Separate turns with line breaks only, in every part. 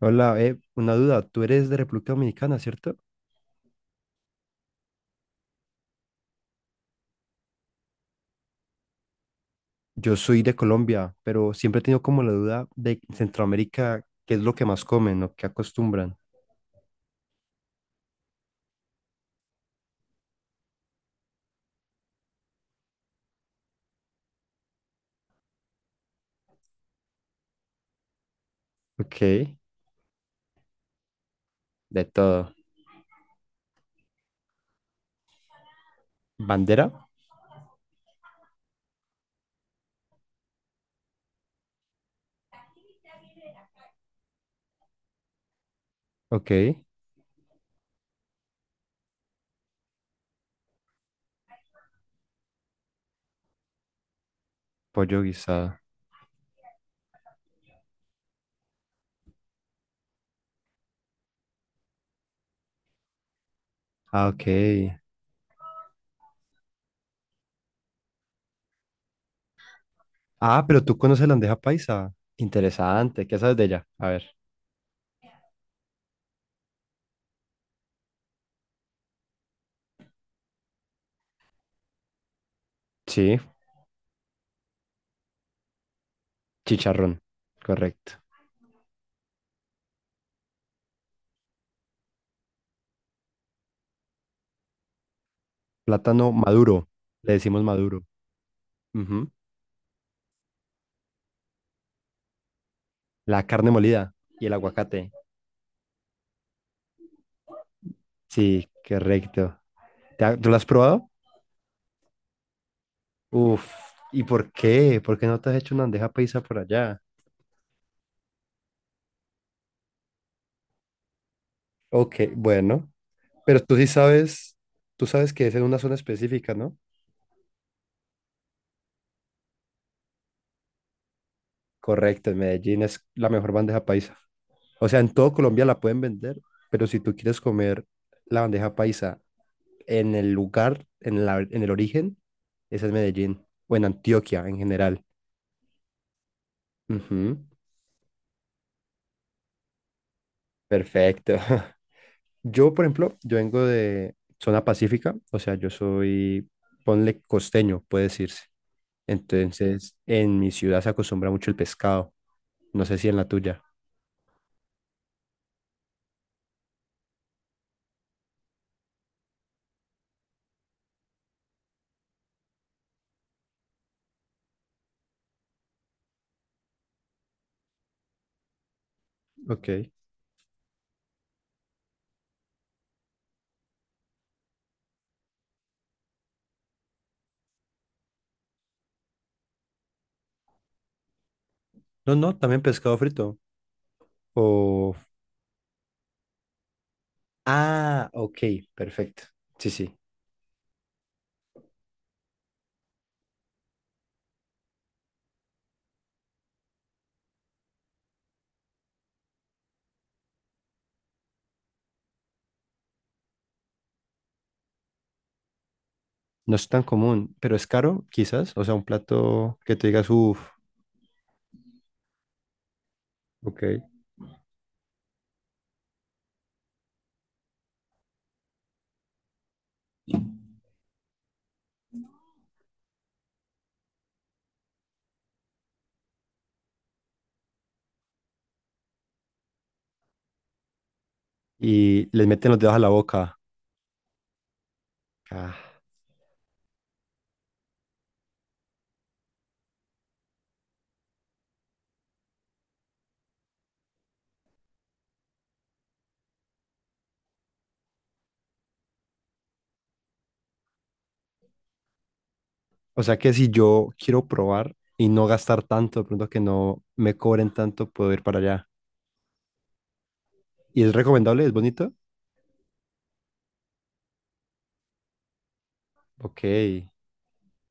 Hola, una duda. Tú eres de República Dominicana, ¿cierto? Yo soy de Colombia, pero siempre he tenido como la duda de Centroamérica, ¿qué es lo que más comen o qué acostumbran? Ok, de todo. ¿Bandera? Ok, pollo guisado. Ah, ok. Ah, pero tú conoces la bandeja paisa. Interesante, ¿qué sabes de ella? A ver. Sí, chicharrón, correcto. Plátano maduro, le decimos maduro. Ujú. La carne molida y el aguacate. Sí, correcto. ¿Tú lo has probado? Uf, ¿y por qué? ¿Por qué no te has hecho una bandeja paisa por allá? Ok, bueno, pero tú sí sabes, tú sabes que es en una zona específica, ¿no? Correcto, en Medellín es la mejor bandeja paisa. O sea, en todo Colombia la pueden vender, pero si tú quieres comer la bandeja paisa en el lugar, en el origen, es en Medellín o en Antioquia en general. Ujú, perfecto. Yo, por ejemplo, yo vengo de zona pacífica, o sea, yo soy, ponle costeño, puede decirse. Entonces, en mi ciudad se acostumbra mucho el pescado. No sé si en la tuya. Ok. No, no, también pescado frito. O... Ah, ok, perfecto. Sí, sí. No es tan común, pero es caro, quizás. O sea, un plato que te digas, uff, ok. Y les meten los dedos a la boca. Ah, o sea que si yo quiero probar y no gastar tanto, de pronto que no me cobren tanto, puedo ir para allá. ¿Y es recomendable? ¿Es bonito? Ok.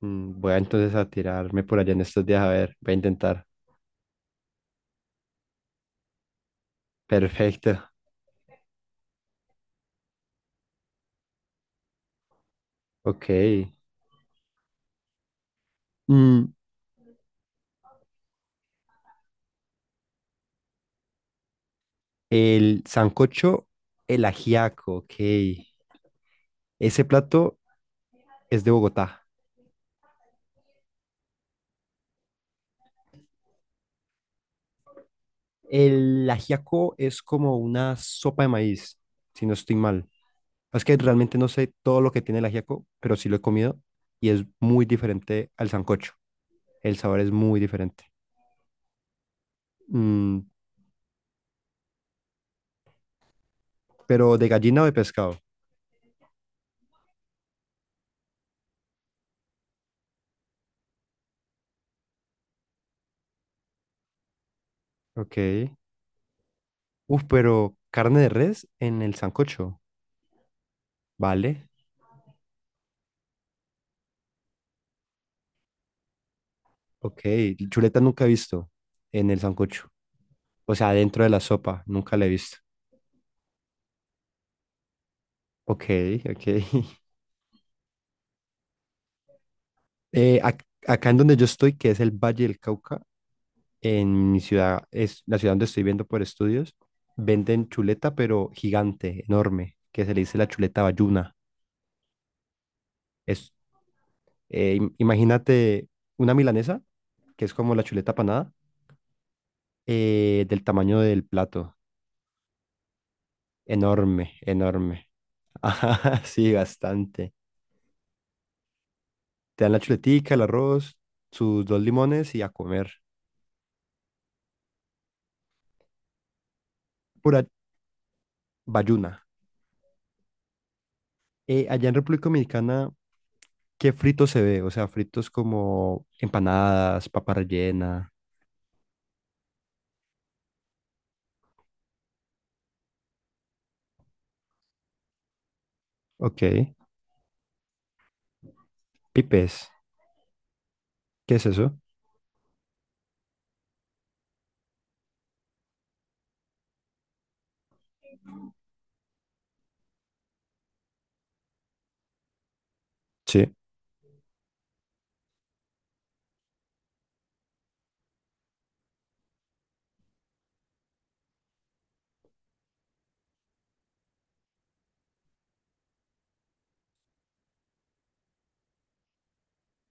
Voy a entonces a tirarme por allá en estos días, a ver, voy a intentar. Perfecto. Ok. Mm, el sancocho, el ajiaco, ok. Ese plato es de Bogotá. El ajiaco es como una sopa de maíz, si no estoy mal. Es que realmente no sé todo lo que tiene el ajiaco, pero sí lo he comido y es muy diferente al sancocho. El sabor es muy diferente. Mm, pero de gallina o de pescado. Ok. Uf, pero carne de res en el sancocho. Vale. Ok. Chuleta nunca he visto en el sancocho. O sea, dentro de la sopa, nunca la he visto. Ok, ok. Acá en donde yo estoy, que es el Valle del Cauca, en mi ciudad, es la ciudad donde estoy viendo por estudios, venden chuleta, pero gigante, enorme, que se le dice la chuleta bayuna. Es, imagínate una milanesa, que es como la chuleta panada, del tamaño del plato. Enorme, enorme. Ajá, sí, bastante. Te dan la chuletica, el arroz, sus dos limones y a comer. Pura bayuna. Allá en República Dominicana, ¿qué frito se ve? O sea, fritos como empanadas, papa rellena. Ok. Pipes. ¿Qué es eso? Sí.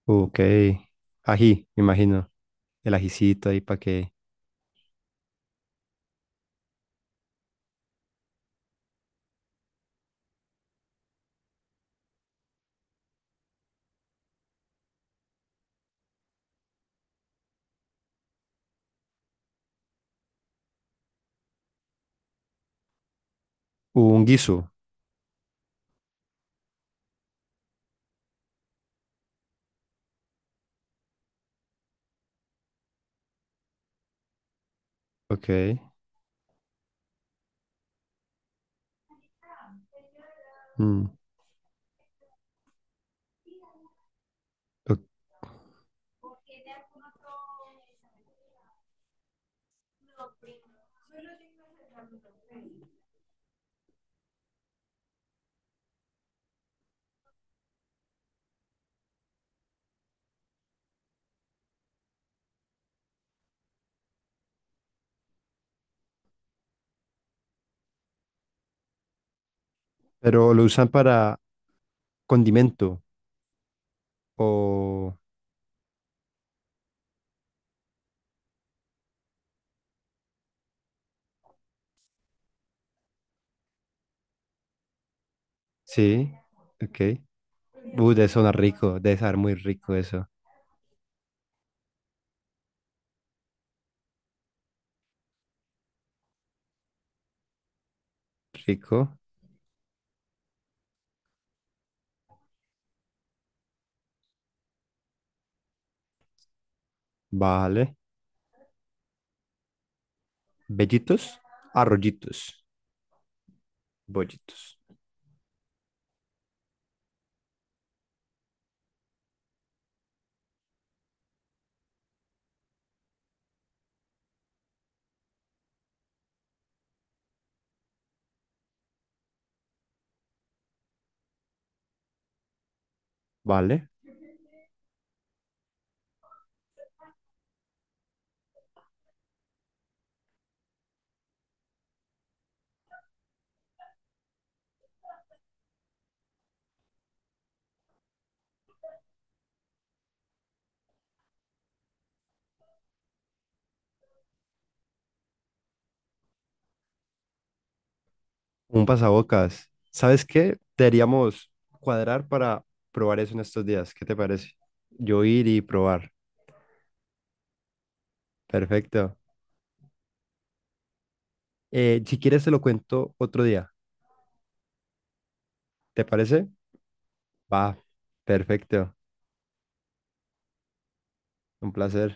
Ok. Ají, me imagino. El ajicito ahí para que... Un guiso. Ok. Mm, ok. Pero lo usan para condimento. O... Sí. Ok. Debe sonar rico. Debe sonar muy rico eso. Rico. Vale. Bellitos. Arrollitos. Bollitos. Vale. Un pasabocas. ¿Sabes qué? Deberíamos cuadrar para probar eso en estos días. ¿Qué te parece? Yo ir y probar. Perfecto. Si quieres, te lo cuento otro día. ¿Te parece? Va. Perfecto. Un placer.